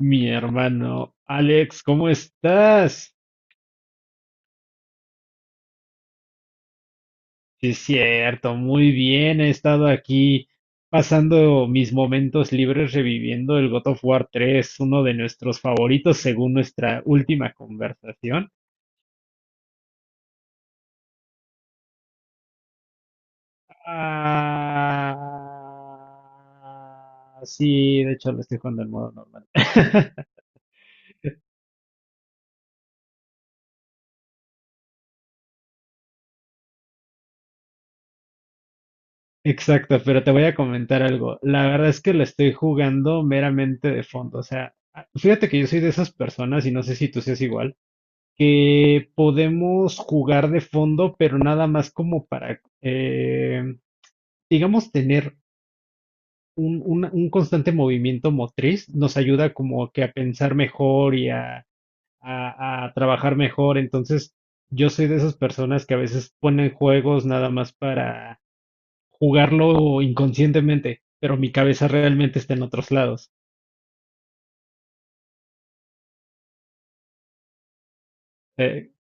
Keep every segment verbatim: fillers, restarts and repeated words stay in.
Mi hermano Alex, ¿cómo estás? Sí, es cierto, muy bien. He estado aquí pasando mis momentos libres reviviendo el God of War tres, uno de nuestros favoritos según nuestra última conversación. Ah, sí, de hecho lo estoy jugando en modo normal. Exacto, pero te voy a comentar algo. La verdad es que lo estoy jugando meramente de fondo. O sea, fíjate que yo soy de esas personas y no sé si tú seas igual, que podemos jugar de fondo, pero nada más como para, eh, digamos, tener un, un- un constante movimiento motriz, nos ayuda como que a pensar mejor y a, a- a trabajar mejor. Entonces, yo soy de esas personas que a veces ponen juegos nada más para jugarlo inconscientemente, pero mi cabeza realmente está en otros lados. Eh,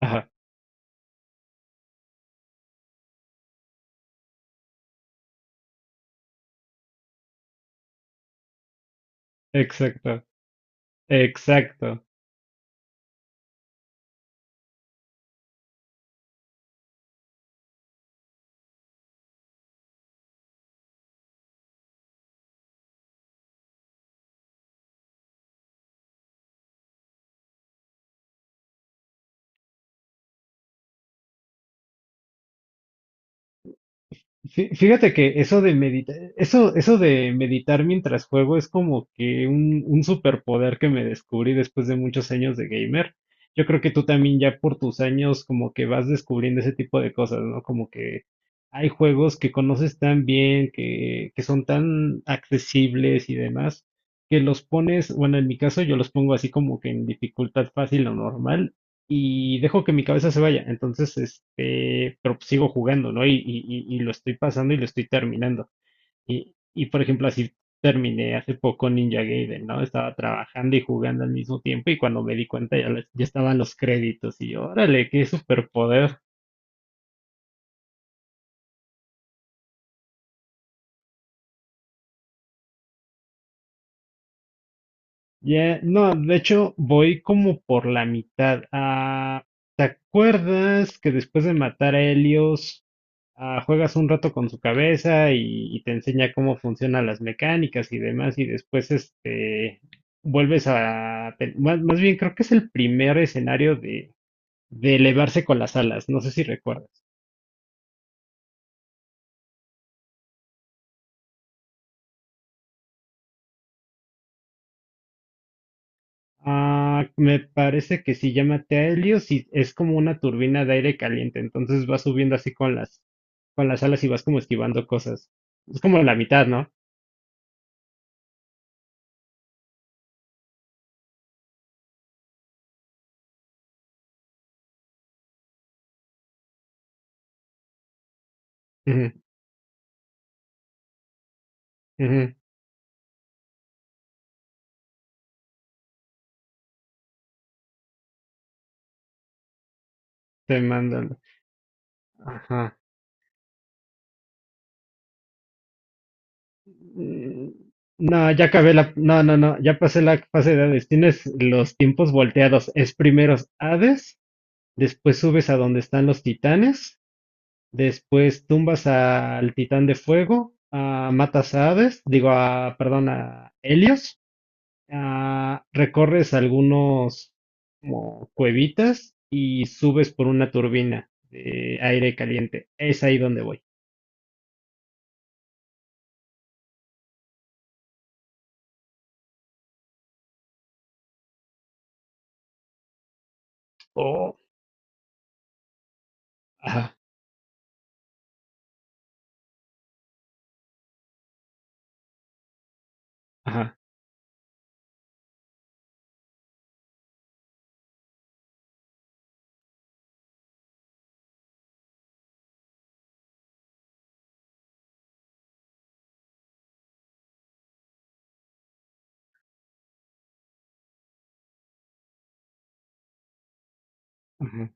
ajá, exacto, exacto. Fí- Fíjate que eso de meditar, eso, eso de meditar mientras juego es como que un, un superpoder que me descubrí después de muchos años de gamer. Yo creo que tú también ya por tus años como que vas descubriendo ese tipo de cosas, ¿no? Como que hay juegos que conoces tan bien, que, que son tan accesibles y demás, que los pones, bueno, en mi caso yo los pongo así como que en dificultad fácil o normal y dejo que mi cabeza se vaya. Entonces, este, pero pues sigo jugando, ¿no? Y, y, y- y lo estoy pasando y lo estoy terminando. Y, y por ejemplo, así terminé hace poco Ninja Gaiden, ¿no? Estaba trabajando y jugando al mismo tiempo y cuando me di cuenta ya, lo- ya estaban los créditos y yo, órale, qué superpoder. Ya, no, de hecho voy como por la mitad. Ah, ¿te acuerdas que después de matar a Helios, ah, juegas un rato con su cabeza y y te enseña cómo funcionan las mecánicas y demás y después este vuelves a... te- Más, más bien creo que es el primer escenario de, de elevarse con las alas, no sé si recuerdas. Ah, me parece que se llama Helios y es como una turbina de aire caliente, entonces vas subiendo así con las, con las alas y vas como esquivando cosas. Es como la mitad, ¿no? Ujú, ujú, te mandan. Ajá. Mm, no, ya acabé la, no, no, no, ya pasé la fase de Hades. Tienes los tiempos volteados. Es primero Hades, después subes a donde están los titanes, después tumbas al titán de fuego, ah, matas a Hades, digo, a, perdón, a Helios. Ah, recorres algunos como cuevitas y subes por una turbina de aire caliente. Es ahí donde voy. Oh, ajá, ajá, ajá.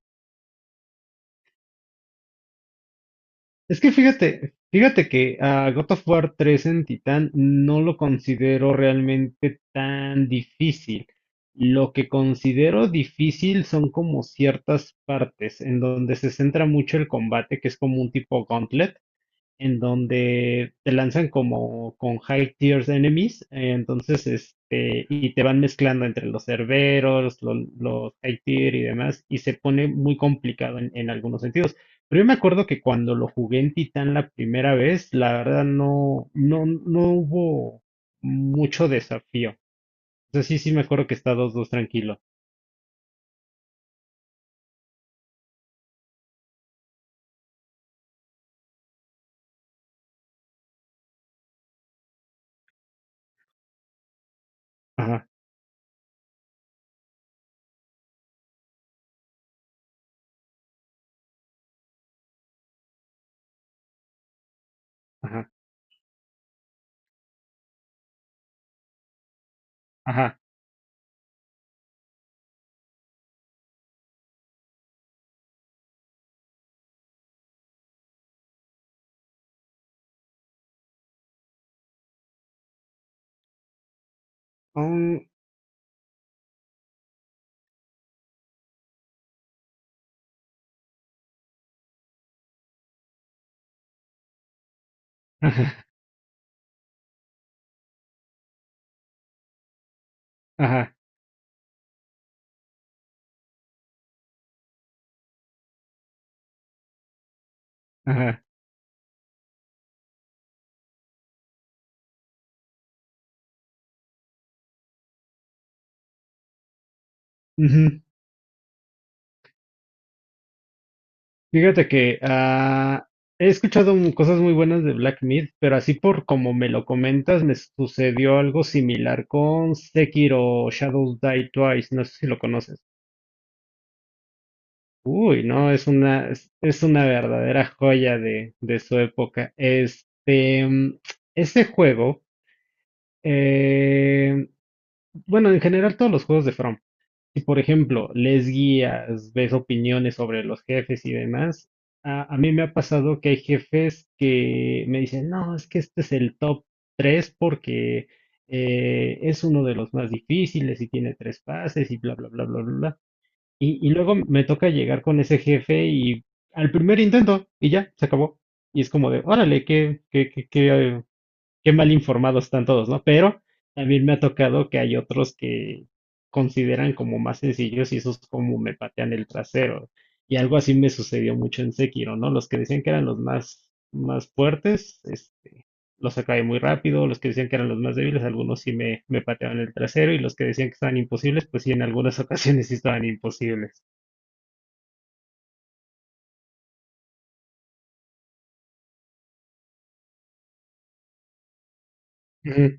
Es que fíjate, fíjate que a God of War tres en Titán no lo considero realmente tan difícil. Lo que considero difícil son como ciertas partes en donde se centra mucho el combate, que es como un tipo gauntlet en donde te lanzan como con high tiers enemies, eh, entonces este, y te van mezclando entre los cerberos, lo- los high tier y demás, y se pone muy complicado en, en algunos sentidos. Pero yo me acuerdo que cuando lo jugué en Titán la primera vez, la verdad no, no, no hubo mucho desafío. O sea, sí, sí me acuerdo que está dos dos tranquilo. Ajá, ajá, ajá. Mm, ajá, ajá, ajá. Ujú. Fíjate que ah, he escuchado mm, cosas muy buenas de Black Myth, pero así por como me lo comentas, me sucedió algo similar con Sekiro Shadows Die Twice. No sé si lo conoces. Uy, no, es una, es, es una verdadera joya de, de su época. Este, mm, ese juego, eh, bueno, en general todos los juegos de From. Si por ejemplo lees guías, ves opiniones sobre los jefes y demás, a, a mí me ha pasado que hay jefes que me dicen, no, es que este es el top tres porque eh, es uno de los más difíciles y tiene tres pases y bla, bla, bla, bla, bla, bla. Y, y luego me toca llegar con ese jefe y al primer intento y ya, se acabó. Y es como de, órale, qué, qué, qué, qué, eh, qué mal informados están todos, ¿no? Pero también me ha tocado que hay otros que consideran como más sencillos y esos como me patean el trasero. Y algo así me sucedió mucho en Sekiro, ¿no? Los que decían que eran los más, más fuertes, este, los acabé muy rápido, los que decían que eran los más débiles, algunos sí me, me pateaban el trasero, y los que decían que estaban imposibles, pues sí, en algunas ocasiones sí estaban imposibles. Ujú,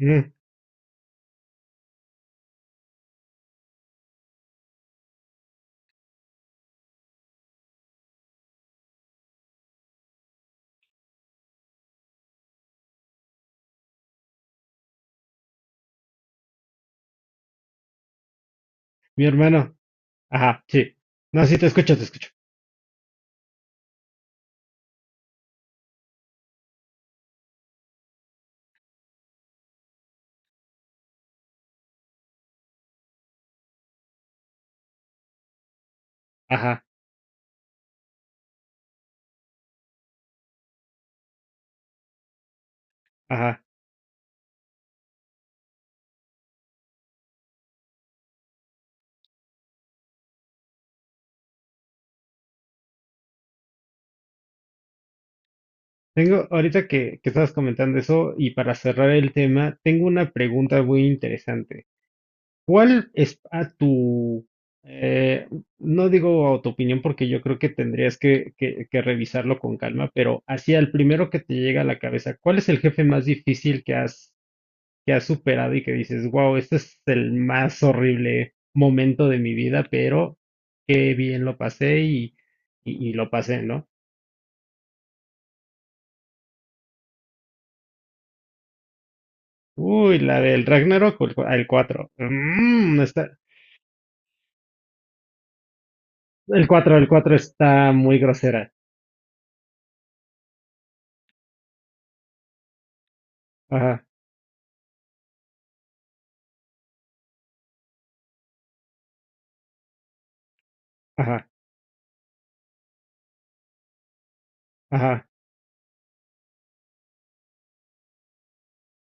ujú. Mi hermano, ajá, sí. No, sí, te escucho, te escucho. Ajá, ajá. Tengo, ahorita que, que estabas comentando eso, y para cerrar el tema, tengo una pregunta muy interesante. ¿Cuál es a tu, eh, no digo a tu opinión porque yo creo que tendrías que, que, que revisarlo con calma, pero hacia el primero que te llega a la cabeza, cuál es el jefe más difícil que has, que has superado y que dices, wow, este es el más horrible momento de mi vida, pero qué bien lo pasé y, y y lo pasé, ¿no? Uy, la del Ragnarok o el, cua- el cuatro. Mm, está, el cuatro, el cuatro está muy grosera. Ajá, ajá, ajá.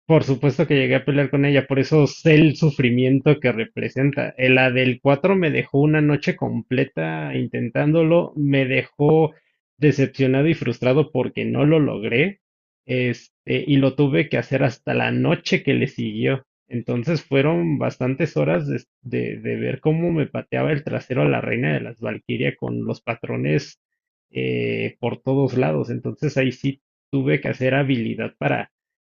Por supuesto que llegué a pelear con ella, por eso sé el sufrimiento que representa. Eh, La del cuatro me dejó una noche completa intentándolo, me dejó decepcionado y frustrado porque no lo logré, este, y lo tuve que hacer hasta la noche que le siguió. Entonces fueron bastantes horas de, de- de ver cómo me pateaba el trasero a la reina de las Valquiria con los patrones eh, por todos lados. Entonces ahí sí tuve que hacer habilidad para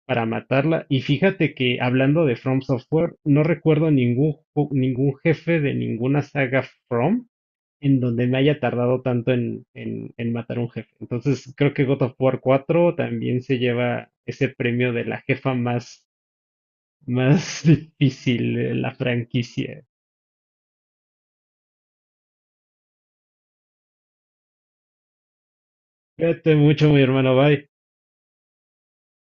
para matarla. Y fíjate que hablando de From Software, no recuerdo ningún, ju- ningún jefe de ninguna saga From en donde me haya tardado tanto en, en, en matar un jefe. Entonces creo que God of War cuatro también se lleva ese premio de la jefa más, más difícil de la franquicia. Cuídate mucho, mi hermano. Bye.